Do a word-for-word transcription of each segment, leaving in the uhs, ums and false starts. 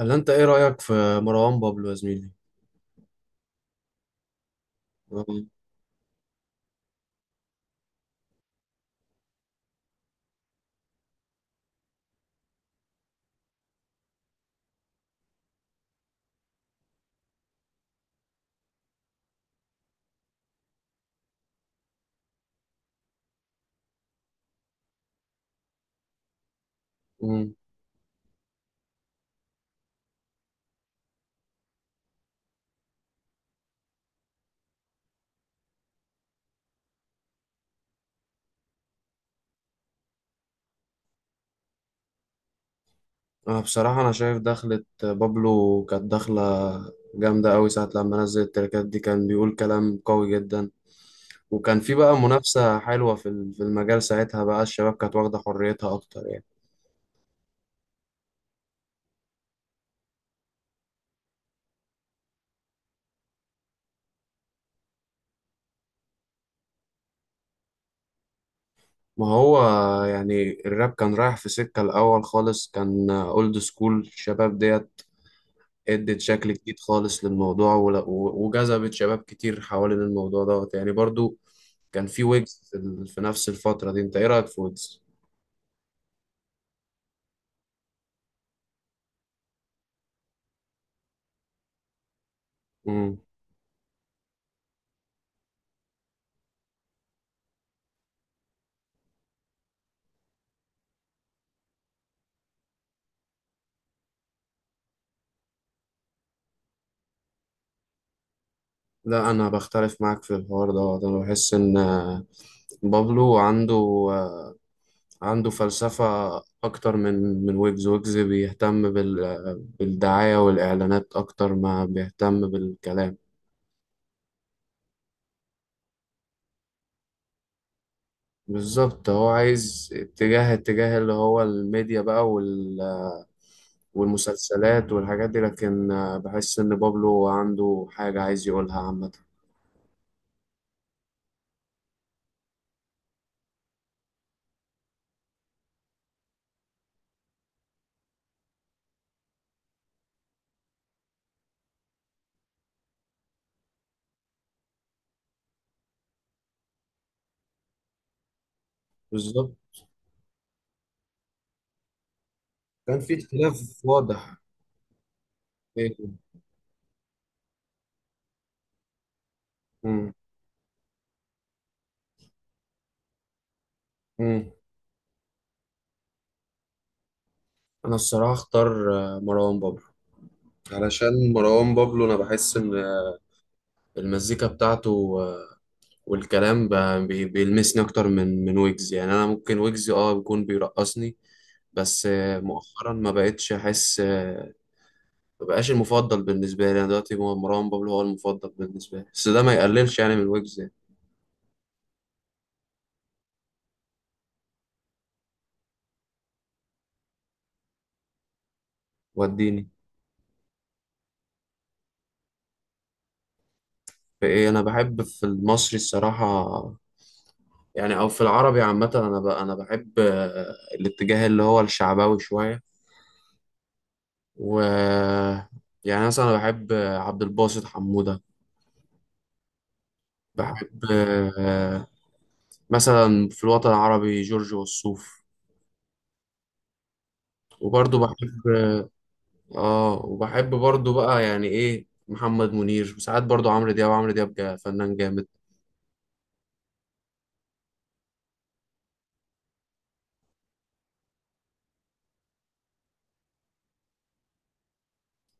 اللي انت ايه رأيك في مروان بابلو يا زميلي؟ امم انا بصراحة انا شايف دخلة بابلو كانت دخلة جامدة قوي، ساعة لما نزل التركات دي كان بيقول كلام قوي جدا. وكان في بقى منافسة حلوة في ال- في المجال، ساعتها بقى الشباب كانت واخدة حريتها اكتر يعني. ما هو يعني الراب كان رايح في سكة الاول خالص، كان اولد سكول. الشباب ديت ادت شكل جديد خالص للموضوع ول- و- وجذبت شباب كتير حوالين الموضوع دوت يعني. برضو كان في ويجز في, ال... في نفس الفترة دي. انت ايه رأيك في ويجز؟ مم. لا انا بختلف معاك في الحوار ده، انا بحس ان آه، بابلو عنده، آه، عنده فلسفة اكتر من من ويجز. ويجز بيهتم بال... آه، بالدعاية والاعلانات اكتر ما بيهتم بالكلام. بالظبط، هو عايز اتجاه، اتجاه اللي هو الميديا بقى، وال آه، والمسلسلات والحاجات دي، لكن آه، بحس ان بابلو عنده حاجة عايز يقولها عامة. بالظبط، كان في اختلاف واضح بينهم. مم. مم. انا الصراحه اختار آه، مروان بابلو، علشان مروان بابلو انا بحس ان، آه، المزيكا بتاعته آه، والكلام ب- بي- بيلمسني اكتر من من ويجز. يعني انا ممكن ويجز اه بيكون بيرقصني، بس آه، مؤخرا ما بقتش احس آه، ما بقاش المفضل بالنسبه لي. انا دلوقتي هو مروان بابلو هو المفضل بالنسبه لي، بس ده ما يقللش يعني من ويجز يعني. وديني في ايه؟ انا بحب في المصري الصراحه يعني، او في العربي عامه، انا ب... انا بحب آه، الاتجاه اللي هو الشعبوي شويه، و يعني مثلا انا بحب آه، عبد الباسط حموده، بحب آه، مثلا في الوطن العربي جورج وسوف، وبرضه بحب اه، وبحب برضه بقى يعني ايه محمد منير، وساعات برضه عمرو دياب. عمرو دياب جا- فنان جامد.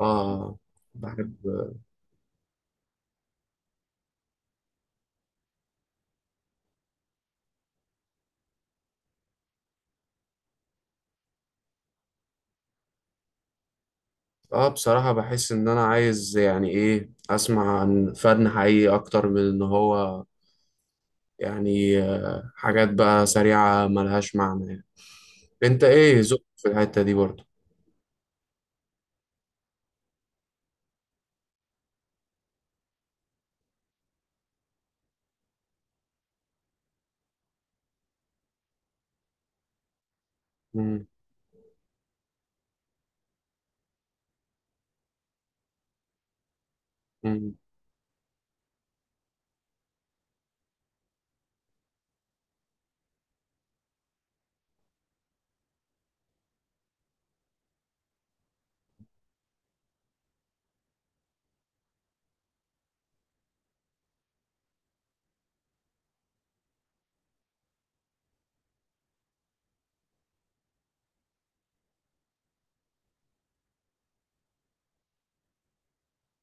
اه بحب اه. بصراحة بحس ان انا عايز يعني ايه اسمع عن فن حقيقي اكتر من ان هو يعني، آه، حاجات بقى سريعة ملهاش معنى يعني. انت ايه ذوقك في الحتة دي برضو؟ مم. مم.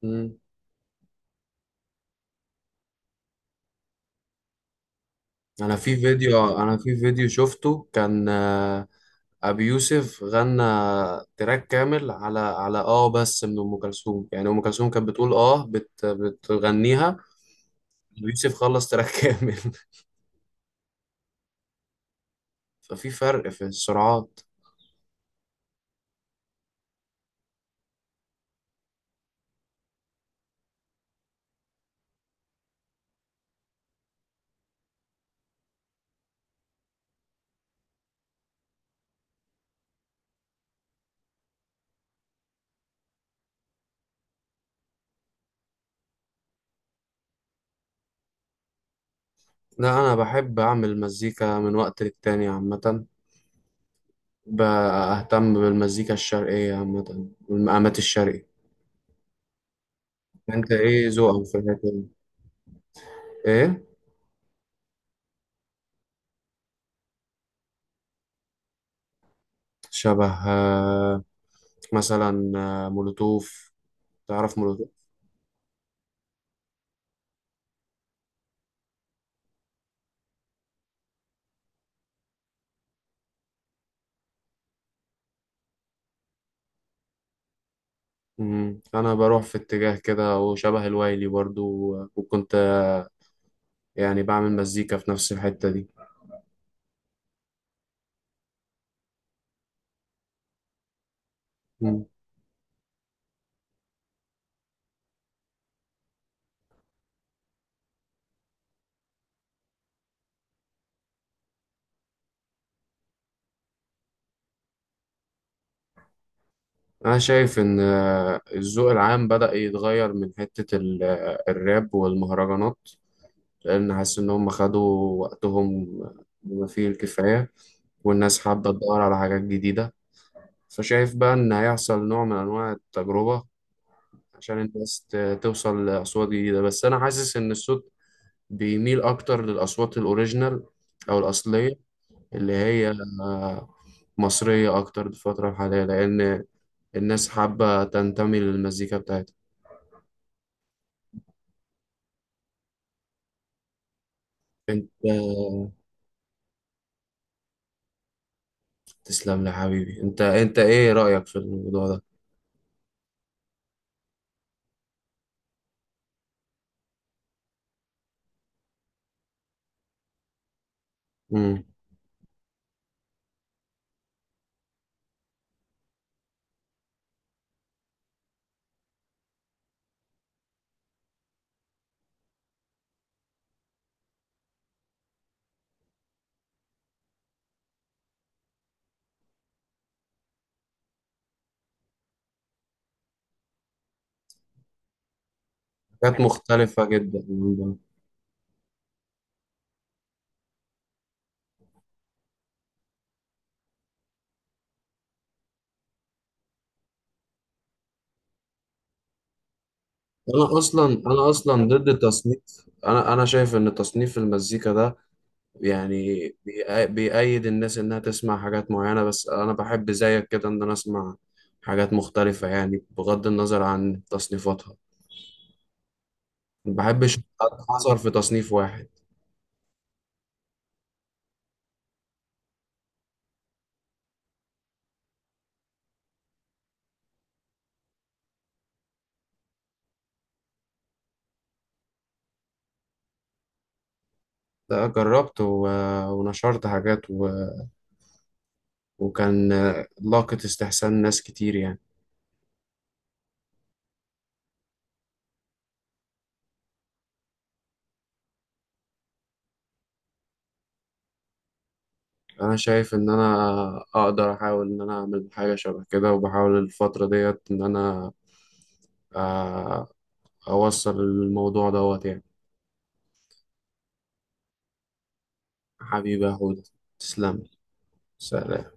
مم. انا في فيديو، انا في فيديو شفته كان آه، ابي يوسف غنى تراك كامل على، على اه بس من ام كلثوم. يعني ام كلثوم كانت بتقول اه، بت بتغنيها، ابي يوسف خلص تراك كامل. ففي فرق في السرعات. لا انا بحب اعمل مزيكا من وقت للتاني عامة، بهتم بالمزيكا الشرقية عامة والمقامات الشرقي. انت ايه ذوقك في الحتة دي؟ ايه شبه، آه، مثلا آه، مولوتوف، تعرف مولوتوف؟ مم. انا بروح في اتجاه كده وشبه الوايلي برضو، آه، وكنت يعني بعمل مزيكا في نفس الحتة دي. مم. انا شايف ان آه، الذوق العام بدأ يتغير من حتة ال- آه، الراب والمهرجانات، لان حاسس ان هم خدوا وقتهم بما فيه الكفاية، والناس حابة تدور على حاجات جديدة. فشايف بقى إن هيحصل نوع من أنواع التجربة عشان الناس ت- توصل لأصوات جديدة، بس أنا حاسس إن الصوت بيميل أكتر للأصوات الأوريجينال أو الأصلية، اللي هي آه، مصرية أكتر في الفترة الحالية، لأن الناس حابة تنتمي للمزيكا بتاعتها. أنت تسلم لي يا حبيبي. أنت، أنت إيه رأيك في الموضوع ده؟ مم. حاجات مختلفة جدا. انا اصلا انا اصلا ضد تصنيف. انا انا شايف ان تصنيف المزيكا ده يعني بيأ- بيأيد الناس انها تسمع حاجات معينة، بس انا بحب زيك كده ان انا اسمع حاجات مختلفة يعني، بغض النظر عن تصنيفاتها. ما بحبش اتحصر في تصنيف واحد. لا، جربت و... ونشرت حاجات و... وكان لاقت استحسان ناس كتير يعني. انا شايف ان انا اقدر احاول ان انا اعمل حاجة شبه كده، وبحاول الفترة ديت ان انا آه، أوصل الموضوع دوت يعني. حبيبي يا هدى، تسلم. سلام.